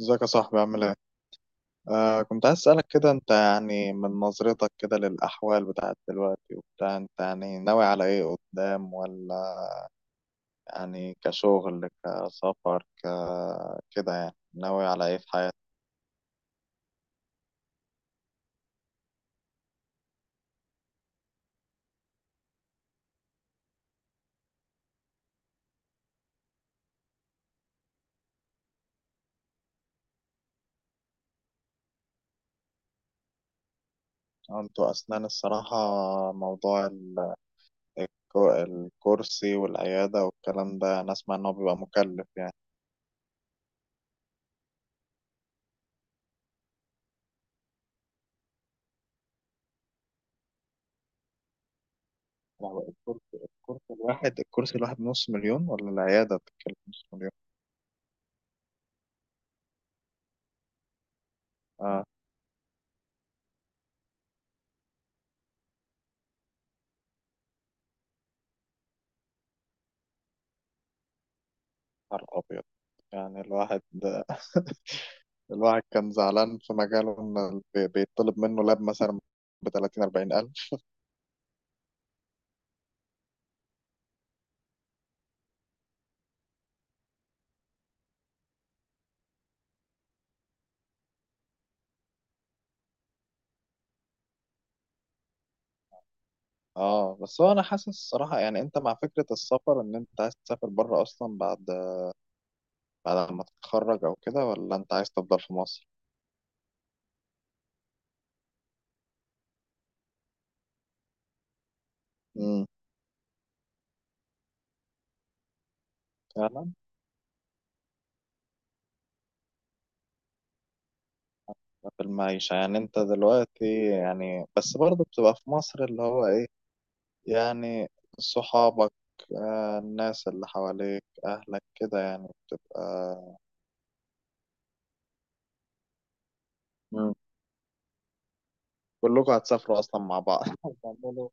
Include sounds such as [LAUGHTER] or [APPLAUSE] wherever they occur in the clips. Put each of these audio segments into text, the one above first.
ازيك يا صاحبي؟ عامل ايه؟ آه، كنت عايز اسألك كده. انت يعني من نظرتك كده للأحوال بتاعت دلوقتي وبتاع، انت يعني ناوي على ايه قدام ولا يعني؟ كشغل، كسفر، كده، يعني ناوي على ايه في حياتك؟ انتوا أسنان الصراحة، موضوع الكرسي والعيادة والكلام ده أنا أسمع إن هو بيبقى مكلف يعني. هو الكرسي الواحد نص مليون ولا العيادة بتتكلف نص مليون؟ اه، نهار أبيض. يعني الواحد [LAUGHS] الواحد كان زعلان في مجاله إن بيطلب منه لاب مثلا ب 30 40 ألف. اه، بس هو انا حاسس الصراحه يعني، انت مع فكره السفر؟ ان انت عايز تسافر بره اصلا بعد ما تتخرج او كده، ولا انت عايز تفضل في مصر؟ امم. فعلا. في المعيشه يعني انت دلوقتي، يعني بس برضه بتبقى في مصر اللي هو ايه يعني؟ صحابك، آه، الناس اللي حواليك، اهلك كده يعني بتبقى. مم. كلكم هتسافروا اصلا مع بعض؟ [LAUGHS] هتعملوا.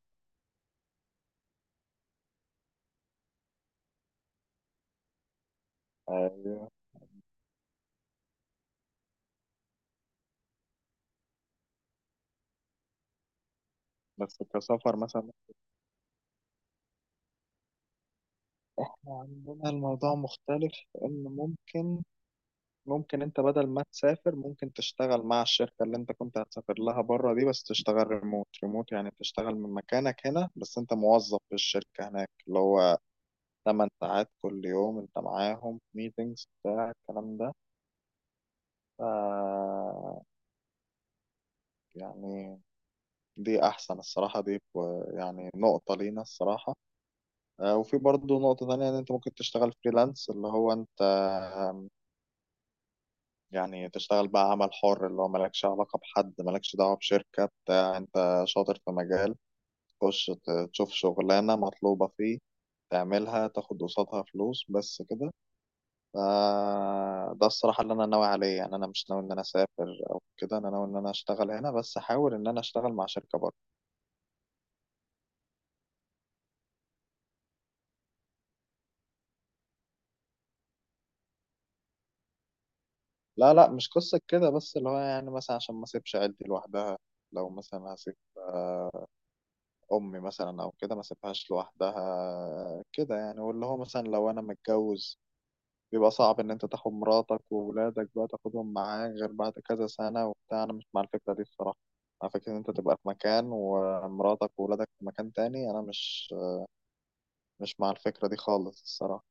بس كسفر مثلا. احنا عندنا الموضوع مختلف، ان ممكن انت بدل ما تسافر ممكن تشتغل مع الشركة اللي انت كنت هتسافر لها بره دي، بس تشتغل ريموت ريموت. يعني تشتغل من مكانك هنا بس انت موظف في الشركة هناك، اللي هو 8 ساعات كل يوم انت معاهم ميتينجز بتاع الكلام ده. ف يعني دي احسن الصراحة. دي يعني نقطة لينا الصراحة. آه، وفي برضه نقطة تانية، ان انت ممكن تشتغل فريلانس اللي هو انت يعني تشتغل بقى عمل حر، اللي هو مالكش علاقة بحد، مالكش دعوة بشركة، بتاع انت شاطر في مجال تخش تشوف شغلانة مطلوبة فيه، تعملها، تاخد قصادها فلوس بس كده. ف- ده الصراحة اللي أنا ناوي عليه. يعني أنا مش ناوي إن أنا أسافر أو كده. أنا ناوي إن أنا أشتغل هنا بس أحاول إن أنا أشتغل مع شركة بره. لا، لا، مش قصة كده. بس اللي هو يعني مثلا عشان ما أسيبش عيلتي لوحدها. لو مثلا هسيب امي مثلا او كده، ما سيبهاش لوحدها كده يعني. واللي هو مثلا لو انا متجوز بيبقى صعب ان انت تاخد مراتك وولادك بقى، تاخدهم معاك غير بعد كذا سنة وبتاع. انا مش مع الفكرة دي الصراحة. مع فكرة ان انت تبقى في مكان ومراتك وولادك في مكان تاني. انا مش مع الفكرة دي خالص الصراحة.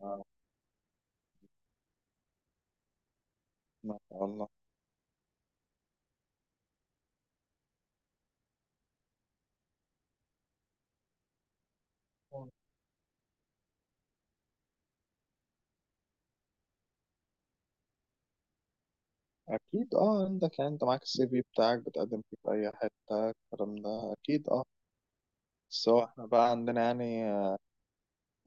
آه، ما شاء الله. اكيد اه. عندك يعني، انت معاك السي في بتاعك بتقدم فيه في اي حتة الكلام ده اكيد اه. سواء احنا بقى عندنا يعني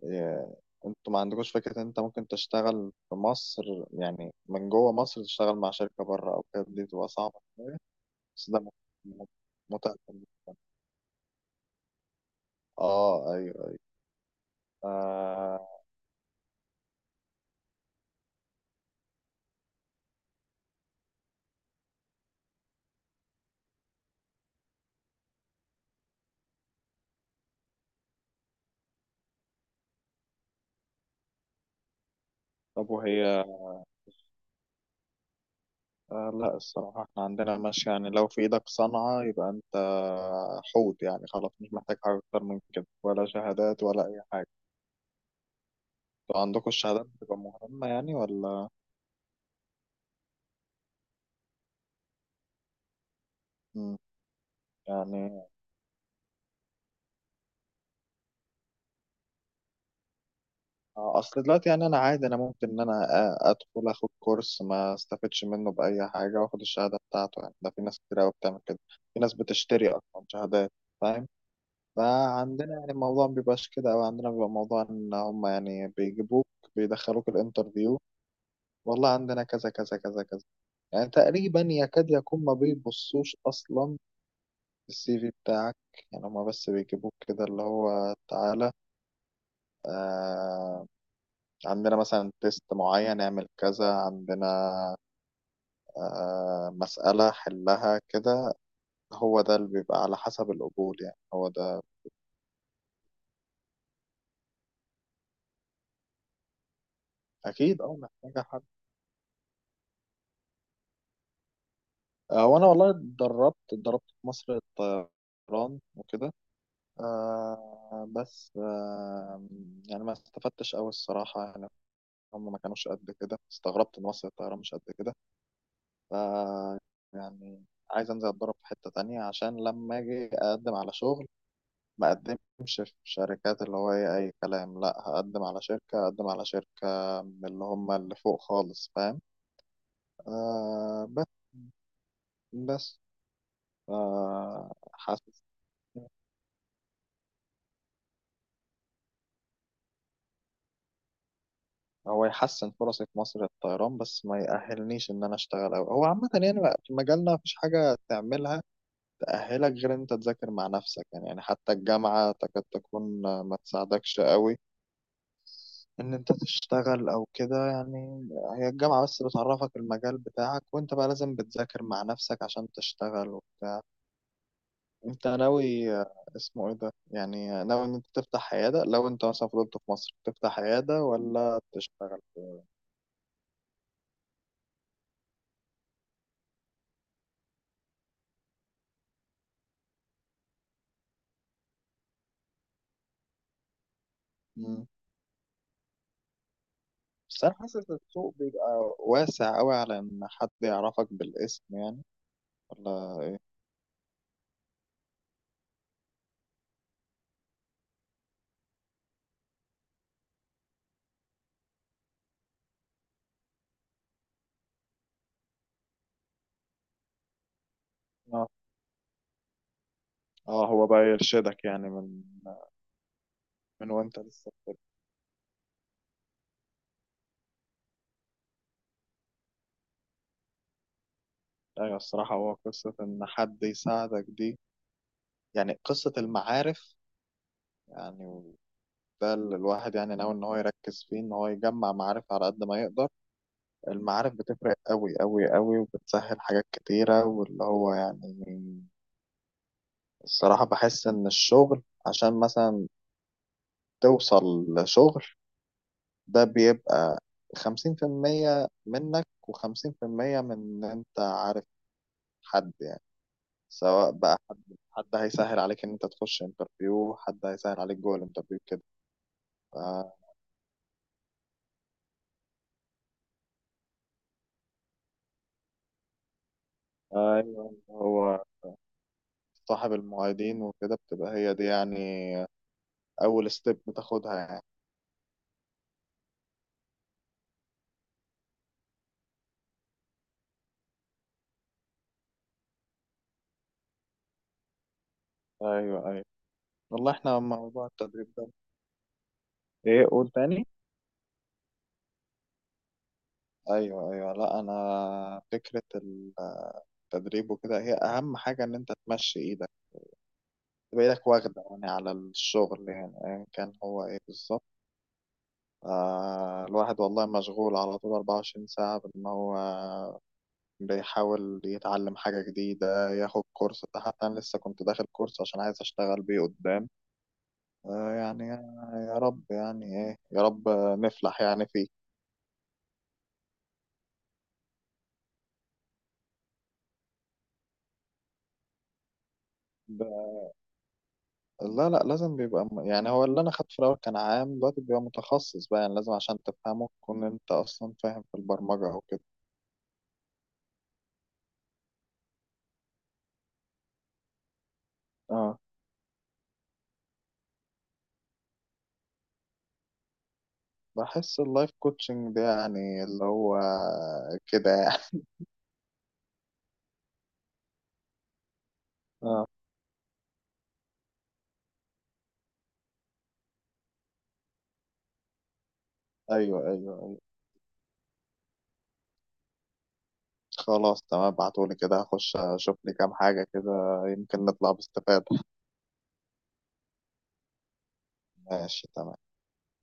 إيه، انتوا ما عندكوش فكرة ان انت ممكن تشتغل في مصر؟ يعني من جوه مصر تشتغل مع شركة بره او كده، دي تبقى صعبة. بس ده م- متعب. اه، ايوه، ايوه، آه. طب وهي، آه لا الصراحة احنا عندنا ماشي. يعني لو في ايدك صنعة يبقى انت حوت يعني. خلاص، مش محتاج حاجة اكتر من كده، ولا شهادات ولا اي حاجة. انتوا عندكم الشهادات بتبقى مهمة يعني، ولا؟ مم. يعني آه، اصل دلوقتي يعني، انا عادي، انا ممكن ان انا ادخل اخد كورس ما استفدش منه باي حاجه واخد الشهاده بتاعته يعني. ده في ناس كتير قوي بتعمل كده، في ناس بتشتري اصلا شهادات، فاهم. فعندنا يعني الموضوع ما بيبقاش كده. او عندنا بيبقى موضوع ان هم يعني بيجيبوك، بيدخلوك الانترفيو، والله عندنا كذا كذا كذا كذا، يعني تقريبا يكاد يكون ما بيبصوش اصلا السي في بتاعك. يعني هما بس بيجيبوك كده اللي هو تعالى، آه، عندنا مثلا تيست معين نعمل كذا، عندنا مسألة حلها كده. هو ده اللي بيبقى على حسب القبول يعني، هو ده. أكيد أه. محتاجة حد. وأنا والله اتدربت في مصر الطيران وكده. بس يعني ما استفدتش أوي الصراحة يعني. هم ما كانوش قد كده، استغربت إن مصر الطيران مش قد كده. ف يعني عايز أنزل أتدرب في حتة تانية عشان لما أجي أقدم على شغل ما اقدمش في شركات اللي هو ايه اي كلام. لا، هقدم على شركة، هقدم على شركة من اللي هم اللي فوق خالص، فاهم. آه بس بس حاسس. هو يحسن فرصي في مصر الطيران بس ما يأهلنيش ان انا اشتغل أوي. هو عامة يعني، بقى في مجالنا مفيش حاجة تعملها تأهلك غير ان انت تذاكر مع نفسك يعني. يعني حتى الجامعة تكاد تكون ما تساعدكش أوي ان انت تشتغل او كده يعني. هي الجامعة بس بتعرفك المجال بتاعك، وانت بقى لازم بتذاكر مع نفسك عشان تشتغل وبتاع. انت ناوي، اسمه ايه ده، يعني ناوي ان انت تفتح عيادة، لو انت مثلا فضلت في مصر تفتح عيادة ولا تشتغل؟ مم. بس انا حاسس إن السوق بيبقى واسع قوي على ان حد يعرفك بالاسم يعني، ولا ايه؟ اه، اه، هو بقى يرشدك يعني، من وانت لسه. ايوه، الصراحة هو قصة ان حد يساعدك دي، يعني قصة المعارف يعني. ده اللي الواحد يعني ناوي إن هو يركز فيه، إن هو يجمع معارف على قد ما يقدر. المعارف بتفرق أوي أوي أوي وبتسهل حاجات كتيرة، واللي هو يعني الصراحة بحس إن الشغل عشان مثلا توصل لشغل ده بيبقى 50% منك و50% من إن أنت عارف حد يعني. سواء بقى حد هيسهل عليك إن أنت تخش انترفيو، حد هيسهل عليك جوه الانترفيو كده. ف- ايوه، هو صاحب المعيدين وكده بتبقى هي دي يعني أول ستيب بتاخدها يعني. أيوه، أيوه. والله إحنا موضوع التدريب ده، إيه؟ قول تاني. أيوه، أيوه. لا، أنا فكرة التدريب وكده هي أهم حاجة إن أنت تمشي إيدك، تبقى إيدك واخدة يعني على الشغل يعني أيا كان هو إيه بالظبط. آه، الواحد والله مشغول على طول 24 ساعة بإن هو بيحاول يتعلم حاجة جديدة، ياخد كورس. حتى أنا لسه كنت داخل كورس عشان عايز أشتغل بيه قدام. يعني يا رب، يعني ايه، يا رب نفلح يعني فيه. ب- لا، لا، لازم بيبقى يعني هو اللي انا خدته في الاول كان عام، دلوقتي بيبقى متخصص بقى. يعني لازم عشان تفهمه تكون انت اصلا فاهم في البرمجة او كده. اه، بحس اللايف كوتشنج ده يعني اللي هو كده يعني. [LAUGHS] اه، ايوه، ايوه، ايوه. خلاص، تمام، ابعتولي كده هخش اشوف لي كام حاجة كده، يمكن نطلع باستفادة. ماشي، تمام.